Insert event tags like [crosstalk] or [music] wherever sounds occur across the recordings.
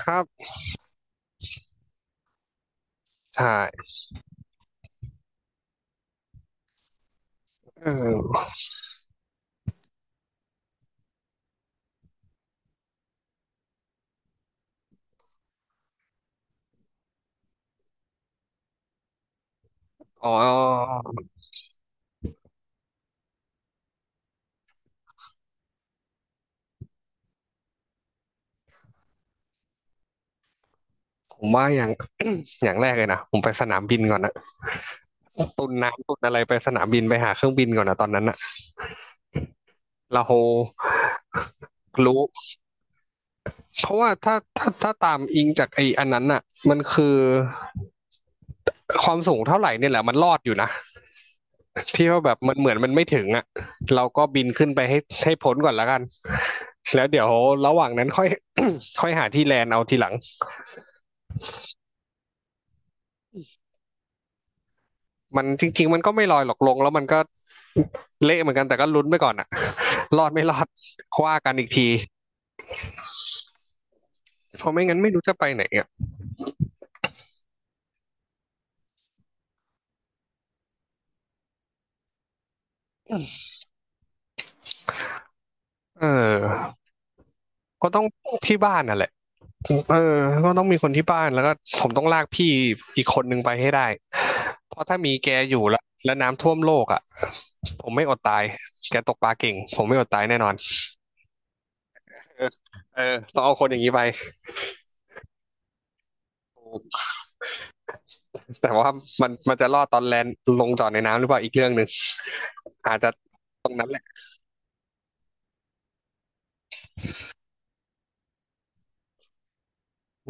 ครับใช่เอออ๋อผมว่า [coughs] [clears throat] อย่างแรกเลยนะผมไปสนามบินก่อนนะคุณน้ำคุณอะไรไปสนามบินไปหาเครื่องบินก่อนนะตอนนั้นนะเรารู้เพราะว่าถ้าตามอิงจากไอ้อันนั้นน่ะมันคือความสูงเท่าไหร่เนี่ยแหละมันรอดอยู่นะที่ว่าแบบมันเหมือนมันไม่ถึงอ่ะเราก็บินขึ้นไปให้พ้นก่อนแล้วกันแล้วเดี๋ยวระหว่างนั้นค่อย [coughs] ค่อยหาที่แลนด์เอาทีหลัง มันจริงๆมันก็ไม่ลอยหรอกลงแล้วมันก็เละเหมือนกันแต่ก็ลุ้นไปก่อนอะ [laughs] รอดไม่รอดคว่ากันอีกทีเพราะไม่งั้นไม่รู้จะไปไหนอ่ะเออก็ต้องที่บ้านน่ะแหละเออก็ต้องมีคนที่บ้านแล้วก็ผมต้องลากพี่อีกคนนึงไปให้ได้เพราะถ้ามีแกอยู่แล้วแล้วน้ำท่วมโลกอ่ะผมไม่อดตายแกตกปลาเก่งผมไม่อดตายแน่นอนเออเออต้องเอาคนอย่างนี้ไปแต่ว่ามันจะรอดตอนแลนด์ลงจอดในน้ำหรือเปล่าอีกเรื่องหนึ่งอาจจะ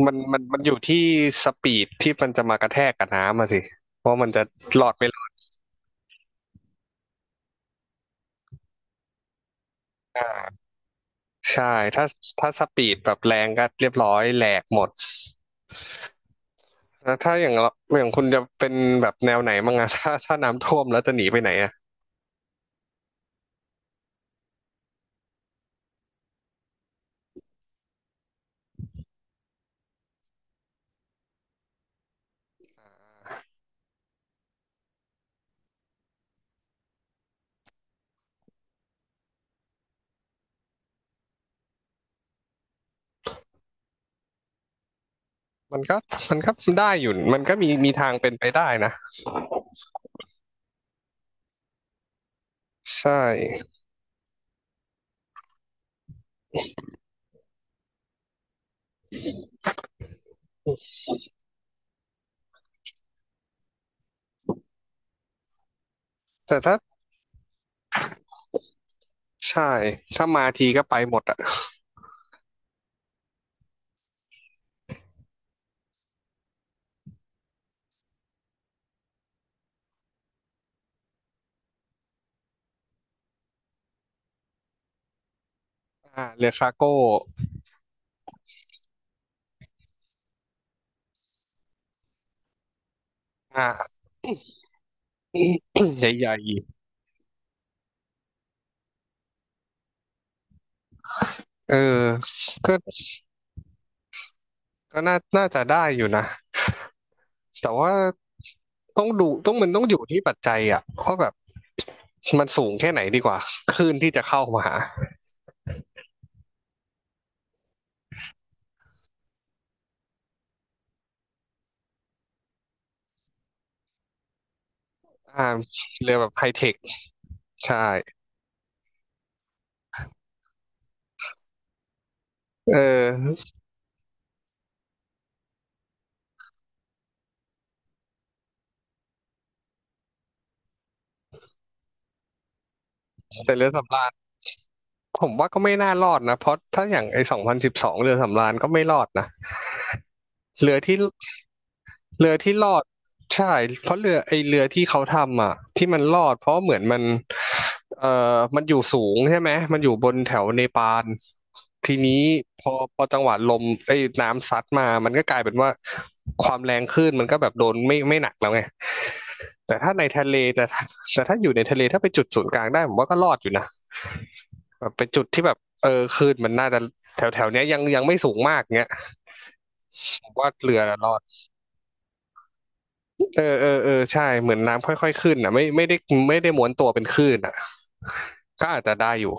มันอยู่ที่สปีดที่มันจะมากระแทกกับน้ำอะสิว่ามันจะหลอดไม่หลอดอ่าใช่ถ้าถ้าสปีดแบบแรงก็เรียบร้อยแหลกหมดแล้วถ้าอย่างเราอย่างคุณจะเป็นแบบแนวไหนบ้างอะ [laughs] ถ้าน้ำท่วมแล้วจะหนีไปไหนอะมันก็มันก็ได้อยู่มันก็มีทางเป็นไปได้นะใช่แต่ถ้าใช่ถ้ามาทีก็ไปหมดอะอ่าเรือฟาร์โก้อ่า [coughs] ใหญ่ๆเออก็ก็น่าจะได้อยู่นะ แต่ว่าต้องดูต้องมันต้องอยู่ที่ปัจจัยอ่ะว่าแบบมันสูงแค่ไหนดีกว่าคลื่นที่จะเข้ามาหาอ่าเรือแบบไฮเทคใช่เออแต่เรือสำราญ ผมว่าก็ไม่น่ารอดนะเพราะถ้าอย่างไอ้2012เรือสำราญก็ไม่รอดนะเรือที่เรือที่รอดใช่เพราะเรือไอ้เรือที่เขาทำอ่ะที่มันรอดเพราะเหมือนมันมันอยู่สูงใช่ไหมมันอยู่บนแถวเนปาลทีนี้พอจังหวะลมไอ้น้ำซัดมามันก็กลายเป็นว่าความแรงคลื่นมันก็แบบโดนไม่หนักแล้วไงแต่ถ้าในทะเลแต่ถ้าอยู่ในทะเลถ้าไปจุดศูนย์กลางได้ผมว่าก็รอดอยู่นะ แบบเป็นจุดที่แบบเออคลื่นมันน่าจะแถวแถวเนี้ยยังไม่สูงมากเงี้ยผมว่าเรือน่ะรอดเออเออเออใช่เหมือนน้ำค่อยๆขึ้นอ่ะไม่ได้ม้วนตัวเป็นคลื่นอ่ะก็อาจจะได้อยู่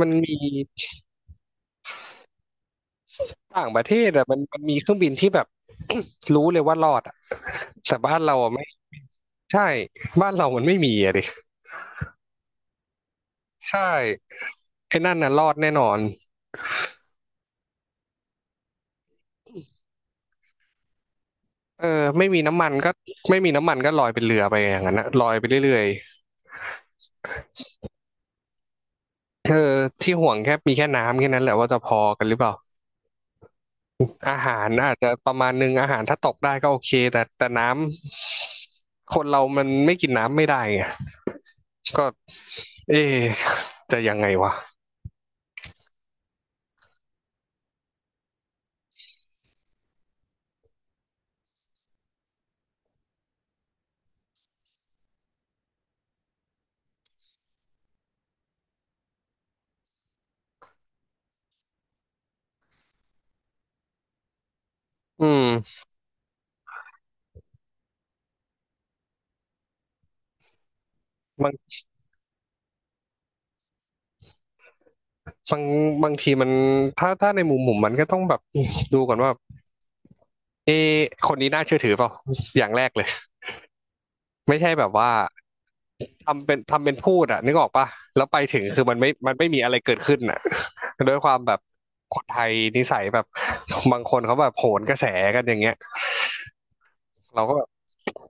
มันมีต่างประเทศอ่ะมันมีเครื่องบินที่แบบ [coughs] รู้เลยว่ารอดอ่ะแต่บ้านเราอ่ะไม่ใช่บ้านเรามันไม่มีอ่ะดิใช่ไอ้นั่นน่ะรอดแน่นอนเออไม่มีน้ำมันก็ไม่มีน้ำมันก็ลอยเป็นเรือไปอย่างนั้นนะลอยไปเรื่อยๆเออที่ห่วงแค่มีแค่น้ำแค่นั้นแหละว่าจะพอกันหรือเปล่า อาหารอาจจะประมาณนึงอาหารถ้าตกได้ก็โอเคแต่แต่น้ำคนเรามันไม่กินน้ำไม่ได้ไงก็เอ๊ะจะยังไงวะอืมบางบางบางทีมันถ้าในมุมผมมันก็ต้องแบบดูก่อนว่าเอ๊ะคนนี้น่าเชื่อถือเปล่าอย่างแรกเลยไม่ใช่แบบว่าทำเป็นพูดอ่ะนึกออกปะแล้วไปถึงคือมันไม่มีอะไรเกิดขึ้นอะ [laughs] ด้วยความแบบคนไทยนิสัยแบบบางคนเขาแบบโหนกระแสกันอย่างเงี้ย เราก็แบบ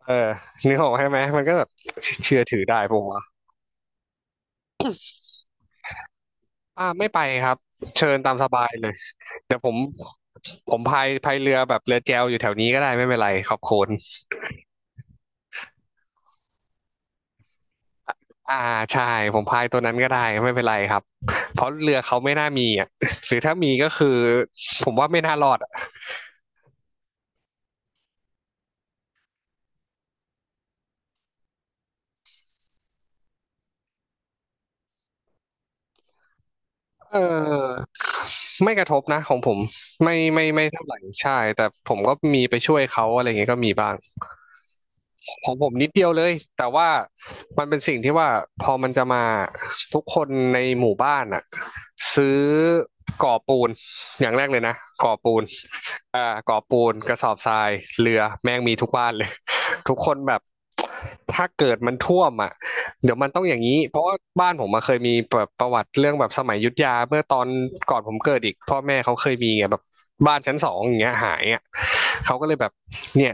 เออ [laughs] นึกออกใช่ไหมมันก็แบบ [laughs] เชื่อถือได้ผมวะอ่าไม่ไปครับเชิญตามสบายเลยเดี๋ยวผมพายเรือแบบเรือแจวอยู่แถวนี้ก็ได้ไม่เป็นไรขอบคุณอ่าใช่ผมพายตัวนั้นก็ได้ไม่เป็นไรครับเพราะเรือเขาไม่น่ามีอ่ะ [laughs] หรือถ้ามีก็คือผมว่าไม่น่ารอดอะเออไม่กระทบนะของผมไม่เท่าไหร่ใช่แต่ผมก็มีไปช่วยเขาอะไรอย่างเงี้ยก็มีบ้าง ของผมนิดเดียวเลยแต่ว่ามันเป็นสิ่งที่ว่าพอมันจะมาทุกคนในหมู่บ้านอะซื้อก่อปูนอย่างแรกเลยนะก่อปูนอ่ะก่อปูนกระสอบทรายเรือแม่งมีทุกบ้านเลย [laughs] ทุกคนแบบถ้าเกิดมันท่วมอ่ะเดี๋ยวมันต้องอย่างนี้เพราะว่าบ้านผมมาเคยมีแบบประวัติเรื่องแบบสมัยอยุธยาเมื่อตอนก่อนผมเกิดอีกพ่อแม่เขาเคยมีไงแบบบ้านชั้นสองอย่างเงี้ยหายอ่ะเขาก็เลยแบบเนี่ย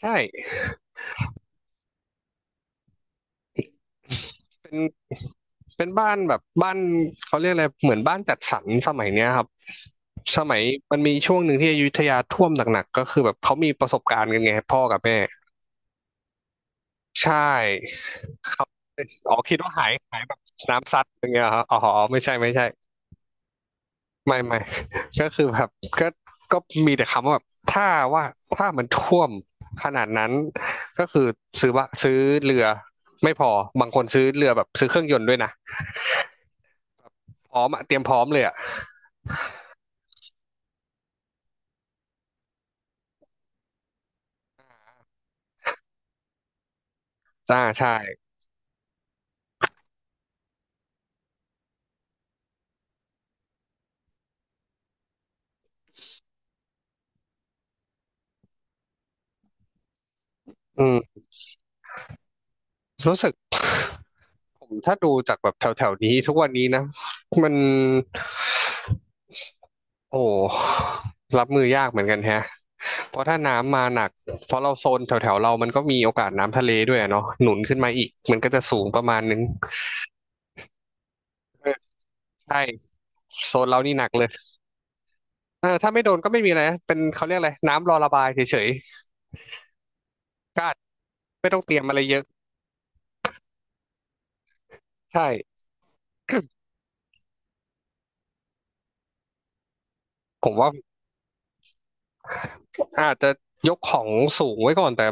ใช่ เป็นเป็นบ้านแบบบ้านเขาเรียกอะไรเหมือนบ้านจัดสรรสมัยเนี้ยครับสมัยมันมีช่วงหนึ่งที่อยุธยาท่วมหนักๆก็คือแบบเขามีประสบการณ์กันไงพ่อกับแม่ใช่เขาอ๋อคิดว่าหายหายแบบน้ำซัดอย่างเงี้ยเหรอครับอ๋อไม่ใช่ไม่ใช่ไม่ไม่ [laughs] ก็คือแบบก็ก็มีแต่คำว่าแบบถ้าว่าถ้ามันท่วมขนาดนั้นก็คือซื้อว่าซื้อเรือไม่พอบางคนซื้อเรือแบบซื้อเครื่องยนต์ด้วยนะพร้อมอะเตรียมพร้อมเลยอะ จ้าใช่อืมรู้สึก [sighs] ผมถ้าดูจากแบบแถวแถวนี้ทุกวันนี้นะมันโอ้รับมือยากเหมือนกันแฮะเพราะถ้าน้ำมาหนักเพราะเราโซนแถวแถวเรามันก็มีโอกาสน้ำทะเลด้วยอะเนาะหนุนขึ้นมาอีกมันก็จะสูงประมาณนึงเออใช่โซนเรานี่หนักเลยเออถ้าไม่โดนก็ไม่มีอะไรนะเป็นเขาเรียกอะไรน้ำรอระบายเฉยๆก็อาจไม่ต้องเตรียมอะไรเยอะใช่ผมว่า อาจจะยกของสูงไว้ก่อนแต่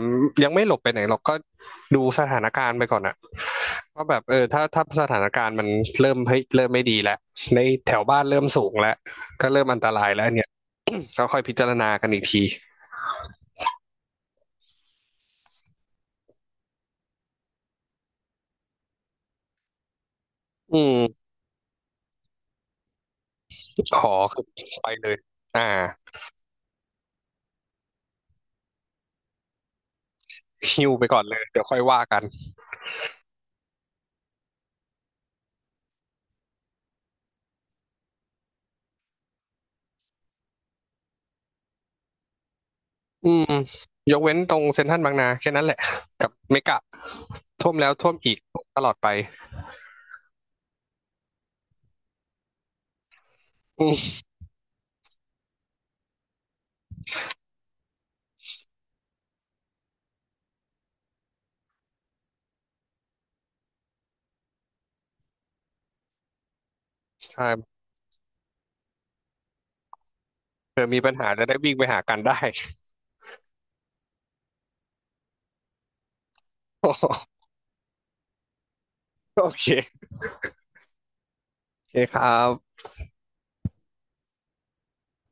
ยังไม่หลบไปไหนหรอกก็ดูสถานการณ์ไปก่อนอะว่าแบบเออถ้าถ้าสถานการณ์มันเริ่มเ้เริ่มไม่ดีแล้วในแถวบ้านเริ่มสูงแล้วก็เริ่มอันตรายแล้วเนี่ยก็ค่อยพิจารณากันอีกทีอืมขอไปเลยอ่าฮิวไปก่อนเลยเดี๋ยวค่อยว่ากันอืมยกเว้นตรงเซ็นทรัลบางนาแค่นั้นแหละกับเมกะท่วมแล้วท่วมอีกตลอดไปอืมใช่เธอมีปัญหาจะได้วิ่งไปหากันได้ [laughs] โอเค โอเคครับ